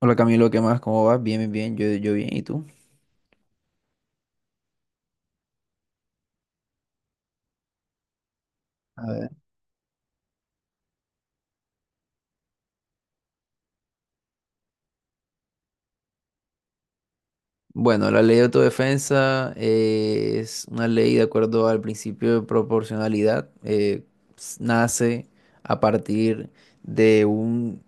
Hola Camilo, ¿qué más? ¿Cómo vas? Bien, bien, bien. Yo bien, ¿y tú? A ver. Bueno, la ley de autodefensa es una ley de acuerdo al principio de proporcionalidad. Nace a partir de un,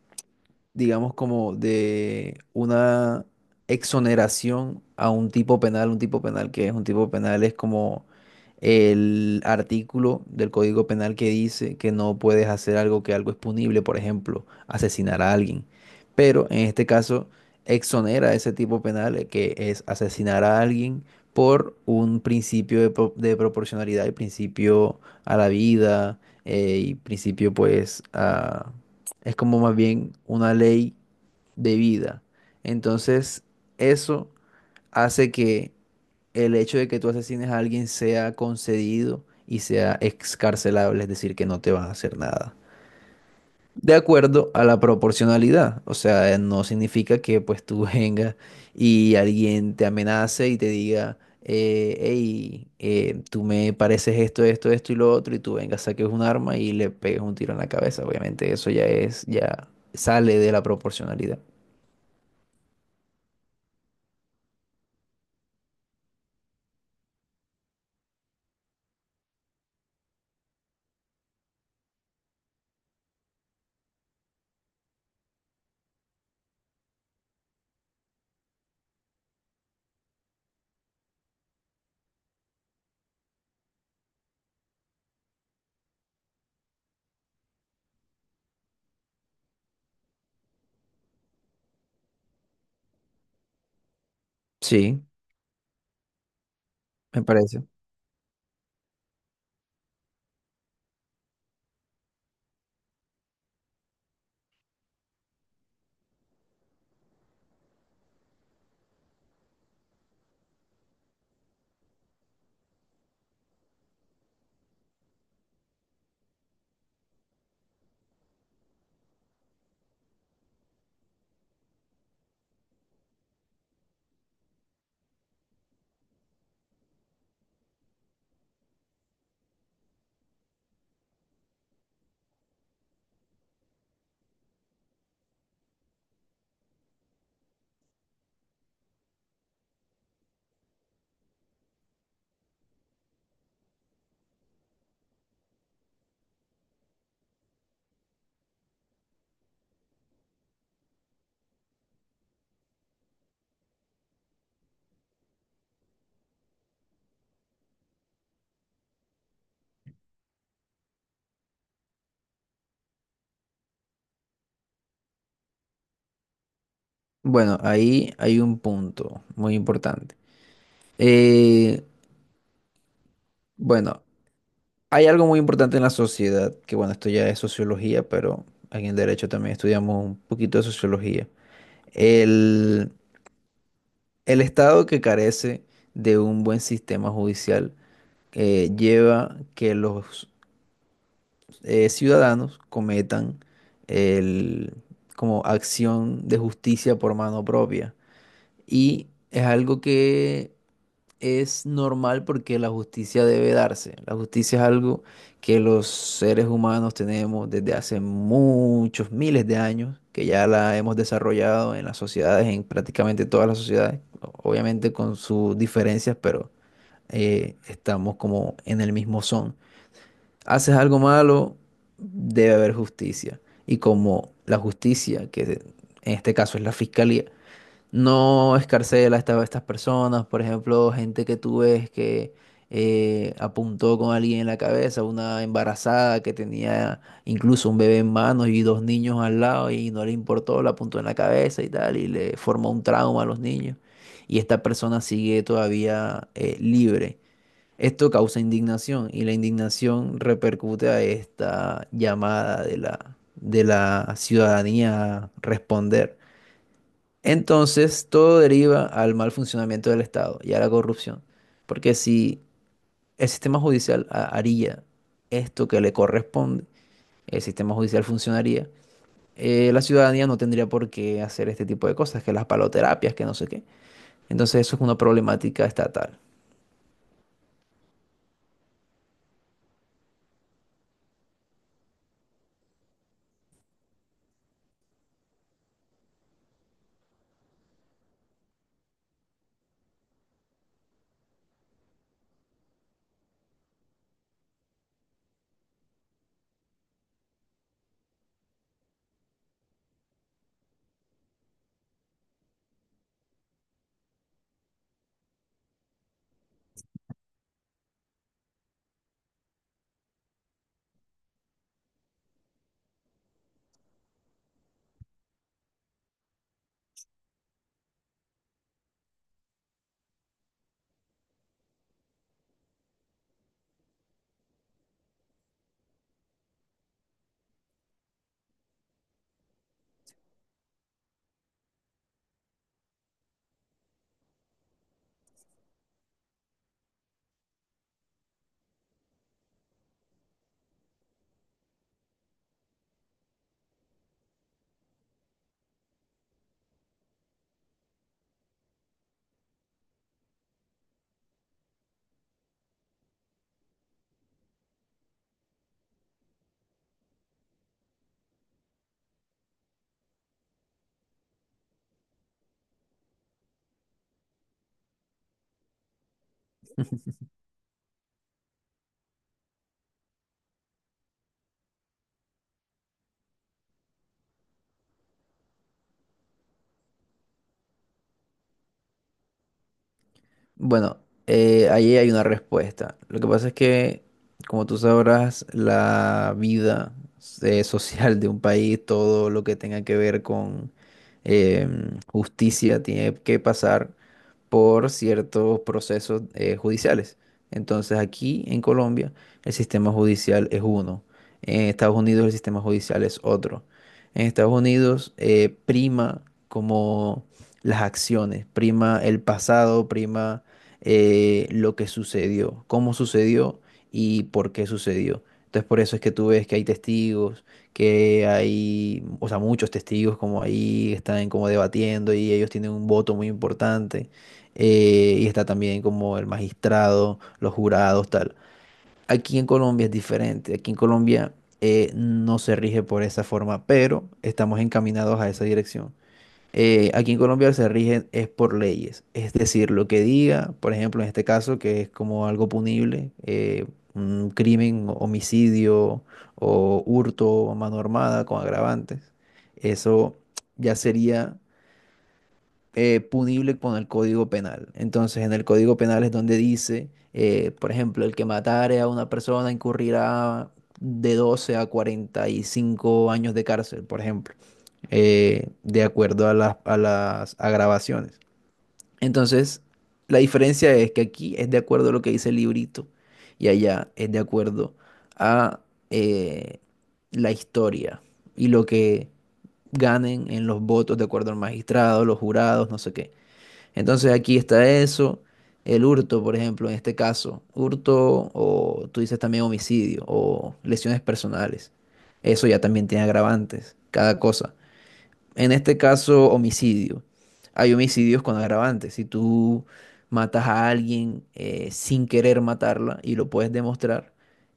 digamos, como de una, exoneración a un tipo penal. Un tipo penal, que es un tipo penal, es como el artículo del Código Penal que dice que no puedes hacer algo, que algo es punible, por ejemplo, asesinar a alguien. Pero en este caso, exonera ese tipo penal, que es asesinar a alguien, por un principio de, de proporcionalidad y principio a la vida, y principio pues a, es como más bien una ley de vida. Entonces, eso hace que el hecho de que tú asesines a alguien sea concedido y sea excarcelable, es decir, que no te van a hacer nada de acuerdo a la proporcionalidad. O sea, no significa que pues tú vengas y alguien te amenace y te diga, tú me pareces esto, esto, esto y lo otro, y tú vengas, saques un arma y le pegues un tiro en la cabeza. Obviamente eso ya es, ya sale de la proporcionalidad. Sí, me parece. Bueno, ahí hay un punto muy importante. Eh, bueno, Hay algo muy importante en la sociedad, que bueno, esto ya es sociología, pero aquí en derecho también estudiamos un poquito de sociología. El, el Estado que carece de un buen sistema judicial lleva que los ciudadanos cometan el, como acción de justicia por mano propia. Y es algo que es normal porque la justicia debe darse. La justicia es algo que los seres humanos tenemos desde hace muchos miles de años, que ya la hemos desarrollado en las sociedades, en prácticamente todas las sociedades, obviamente con sus diferencias, pero estamos como en el mismo son. Haces algo malo, debe haber justicia. Y como la justicia, que en este caso es la fiscalía, no escarcela a a estas personas. Por ejemplo, gente que tú ves que apuntó con alguien en la cabeza, una embarazada que tenía incluso un bebé en manos y dos niños al lado y no le importó, la apuntó en la cabeza y tal, y le formó un trauma a los niños. Y esta persona sigue todavía libre. Esto causa indignación y la indignación repercute a esta llamada de la ciudadanía a responder. Entonces, todo deriva al mal funcionamiento del Estado y a la corrupción. Porque si el sistema judicial haría esto que le corresponde, el sistema judicial funcionaría, la ciudadanía no tendría por qué hacer este tipo de cosas, que las paloterapias, que no sé qué. Entonces, eso es una problemática estatal. Bueno, ahí hay una respuesta. Lo que pasa es que, como tú sabrás, la vida social de un país, todo lo que tenga que ver con justicia, tiene que pasar por ciertos procesos judiciales. Entonces aquí en Colombia el sistema judicial es uno, en Estados Unidos el sistema judicial es otro. En Estados Unidos prima como las acciones, prima el pasado, prima lo que sucedió, cómo sucedió y por qué sucedió. Entonces por eso es que tú ves que hay testigos, que hay, o sea, muchos testigos como ahí están como debatiendo y ellos tienen un voto muy importante, y está también como el magistrado, los jurados, tal. Aquí en Colombia es diferente, aquí en Colombia no se rige por esa forma, pero estamos encaminados a esa dirección. Aquí en Colombia se rige es por leyes, es decir, lo que diga, por ejemplo, en este caso, que es como algo punible, un crimen, homicidio o hurto, mano armada con agravantes, eso ya sería punible con el Código Penal. Entonces, en el Código Penal es donde dice, por ejemplo, el que matare a una persona incurrirá de 12 a 45 años de cárcel, por ejemplo, de acuerdo a las agravaciones. Entonces, la diferencia es que aquí es de acuerdo a lo que dice el librito y allá es de acuerdo a eh, la historia y lo que ganen en los votos de acuerdo al magistrado, los jurados, no sé qué. Entonces aquí está eso, el hurto, por ejemplo, en este caso, hurto o tú dices también homicidio o lesiones personales. Eso ya también tiene agravantes, cada cosa. En este caso, homicidio. Hay homicidios con agravantes. Si tú matas a alguien sin querer matarla y lo puedes demostrar,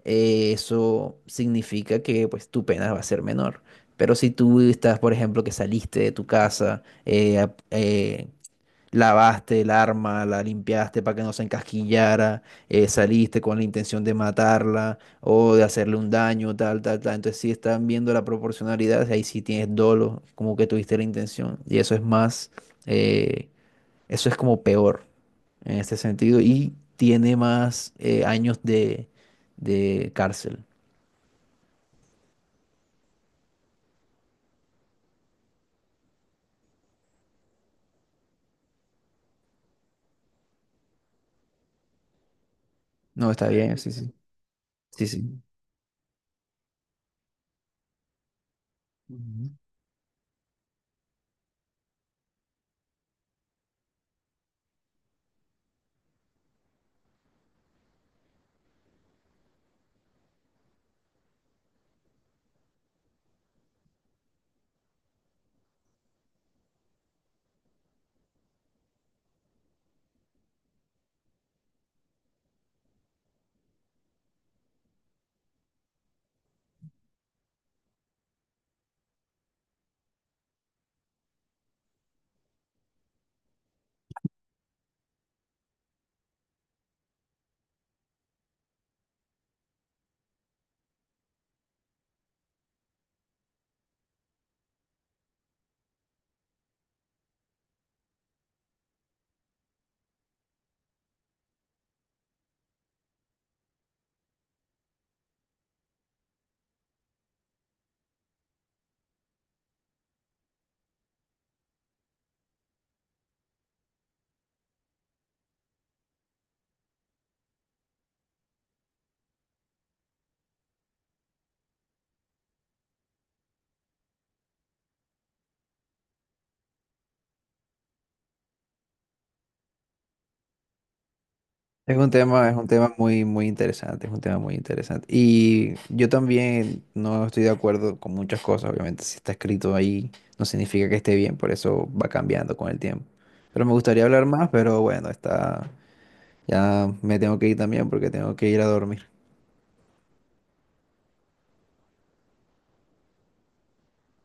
eso significa que pues tu pena va a ser menor. Pero si tú estás, por ejemplo, que saliste de tu casa, lavaste el arma, la limpiaste para que no se encasquillara, saliste con la intención de matarla o de hacerle un daño, tal, tal, tal. Entonces, si están viendo la proporcionalidad, ahí sí tienes dolo, como que tuviste la intención. Y eso es más, eh, eso es como peor en este sentido y tiene más años de cárcel. No, está bien, sí, sí. Sí, sí. Ujú. Es un tema muy, muy interesante, es un tema muy interesante. Y yo también no estoy de acuerdo con muchas cosas, obviamente, si está escrito ahí no significa que esté bien, por eso va cambiando con el tiempo. Pero me gustaría hablar más, pero bueno, está, ya me tengo que ir también porque tengo que ir a dormir.